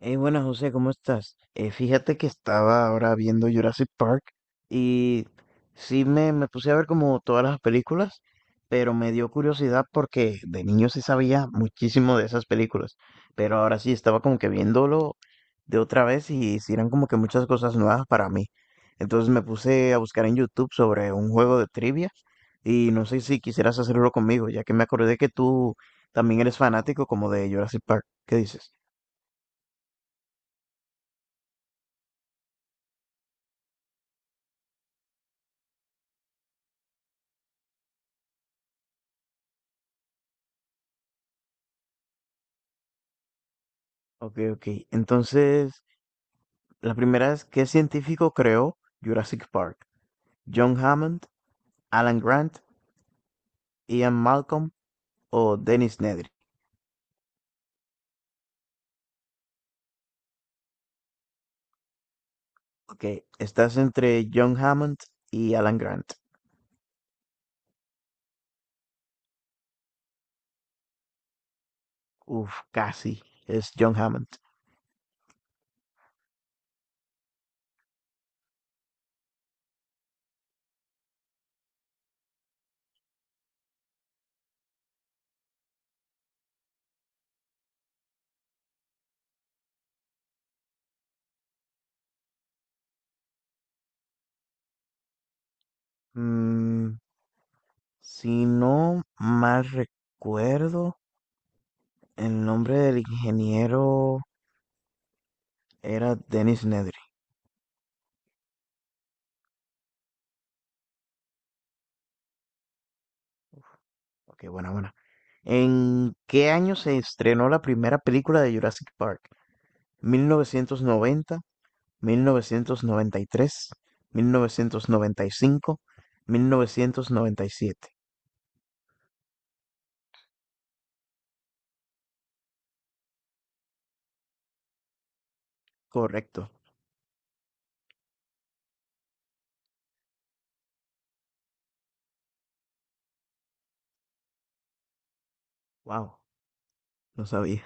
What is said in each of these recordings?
Hey, buenas José, ¿cómo estás? Fíjate que estaba ahora viendo Jurassic Park y sí me puse a ver como todas las películas, pero me dio curiosidad porque de niño sí sabía muchísimo de esas películas, pero ahora sí estaba como que viéndolo de otra vez y sí eran como que muchas cosas nuevas para mí. Entonces me puse a buscar en YouTube sobre un juego de trivia y no sé si quisieras hacerlo conmigo, ya que me acordé que tú también eres fanático como de Jurassic Park. ¿Qué dices? Okay, ok. Entonces, la primera es, ¿qué científico creó Jurassic Park? ¿John Hammond, Alan Grant, Ian Malcolm o Dennis Nedry? Ok, estás entre John Hammond y Alan Grant. Uf, casi. Es John Hammond. Mm, si no mal recuerdo, el nombre del ingeniero era Dennis Nedry. Ok, buena, buena. ¿En qué año se estrenó la primera película de Jurassic Park? 1990, 1993, 1995, 1997. Correcto. Wow, no sabía.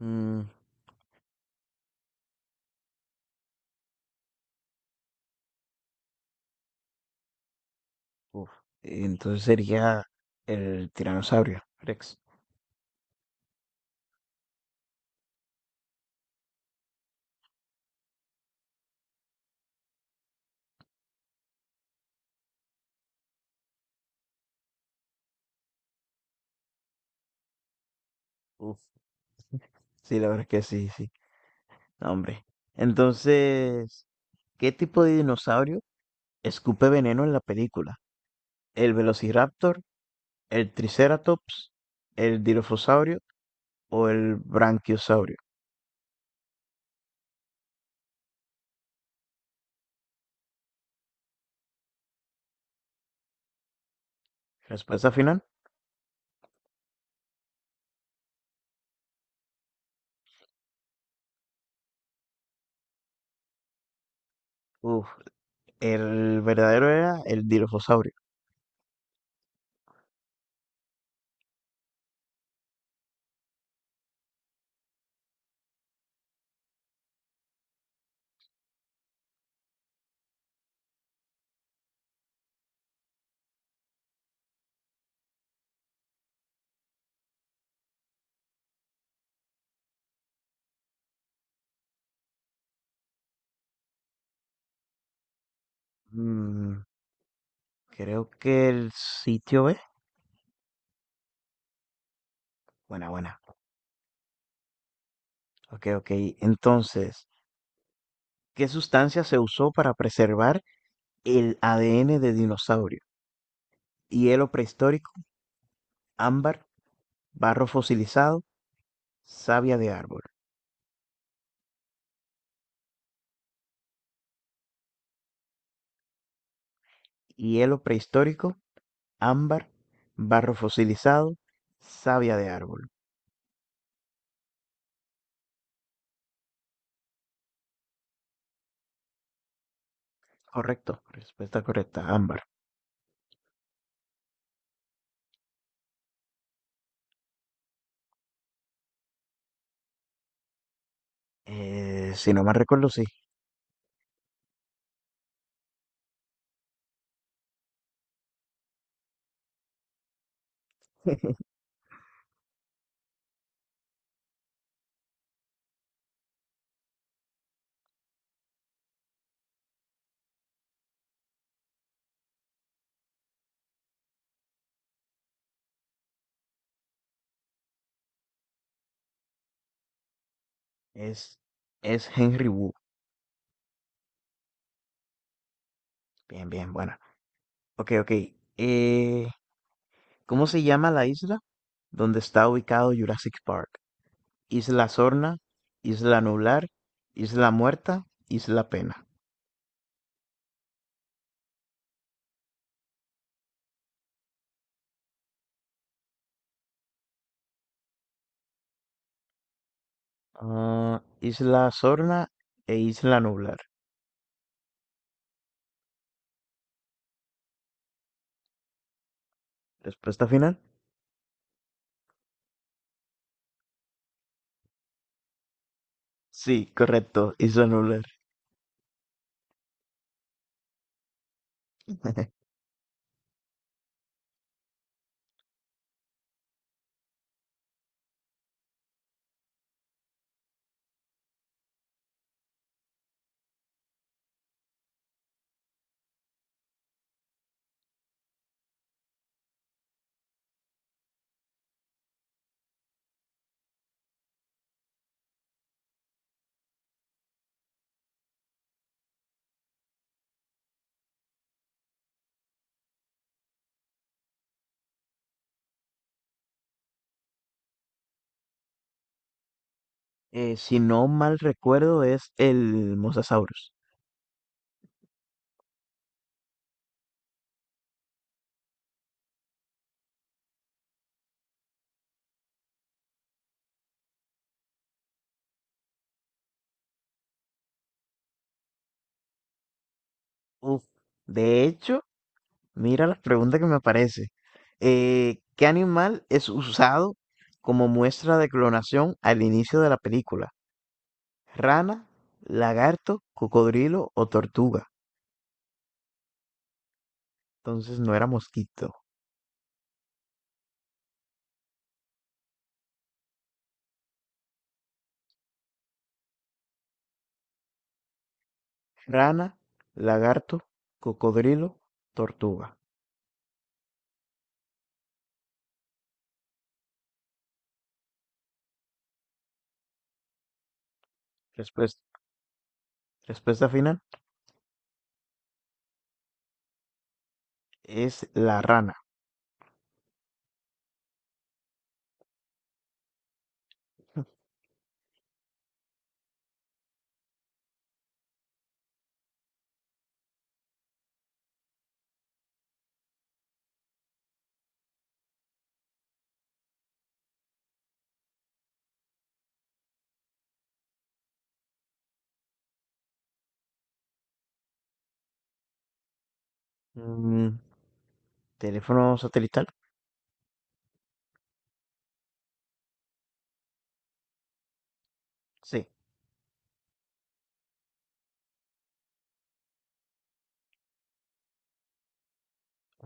Mm, uf. Entonces sería el tiranosaurio Rex. Uf. Sí, la verdad es que sí, sí. No, hombre. Entonces, ¿qué tipo de dinosaurio escupe veneno en la película? ¿El Velociraptor, el Triceratops, el Dilophosaurio o el Branquiosaurio? Respuesta final. Uf. El verdadero era el dirofosaurio. Mm, Creo que el sitio B. Buena, buena. Ok, ok. Entonces, ¿qué sustancia se usó para preservar el ADN de dinosaurio? Hielo prehistórico, ámbar, barro fosilizado, savia de árbol. Hielo prehistórico, ámbar, barro fosilizado, savia de árbol. Correcto, respuesta correcta, ámbar. Si no mal recuerdo, sí. Es, es Henry Wu. Bien, bien, bueno. Ok, ok. Eh, ¿Cómo se llama la isla donde está ubicado Jurassic Park? Isla Sorna, Isla Nublar, Isla Muerta, Isla Pena. Ah, Isla Sorna e Isla Nublar. ¿Respuesta final? Sí, correcto, Isla Nublar. Si no mal recuerdo, es el Mosasaurus. Uf, de hecho, mira la pregunta que me aparece. ¿Qué animal es usado como muestra de clonación al inicio de la película? Rana, lagarto, cocodrilo o tortuga. Entonces no era mosquito. Rana, lagarto, cocodrilo, tortuga. Respuesta. Respuesta final es la rana. Mm, ¿Teléfono satelital? Sí.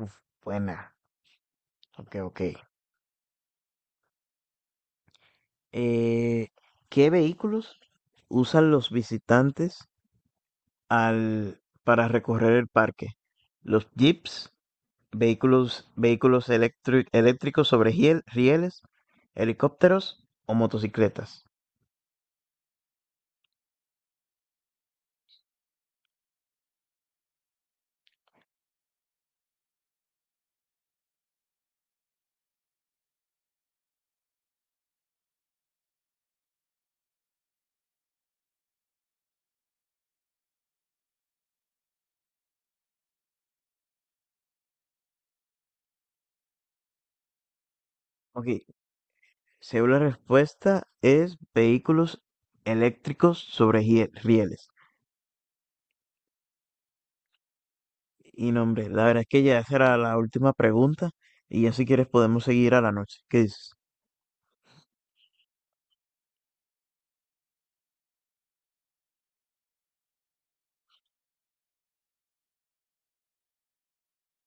Uf, buena. Ok, ok. Eh, ¿Qué vehículos usan los visitantes al, para recorrer el parque? Los jeeps, vehículos eléctricos sobre rieles, helicópteros o motocicletas. Ok, según la respuesta es vehículos eléctricos sobre rieles. Y no, hombre, la verdad es que ya esa era la última pregunta y ya si quieres podemos seguir a la noche. ¿Qué dices?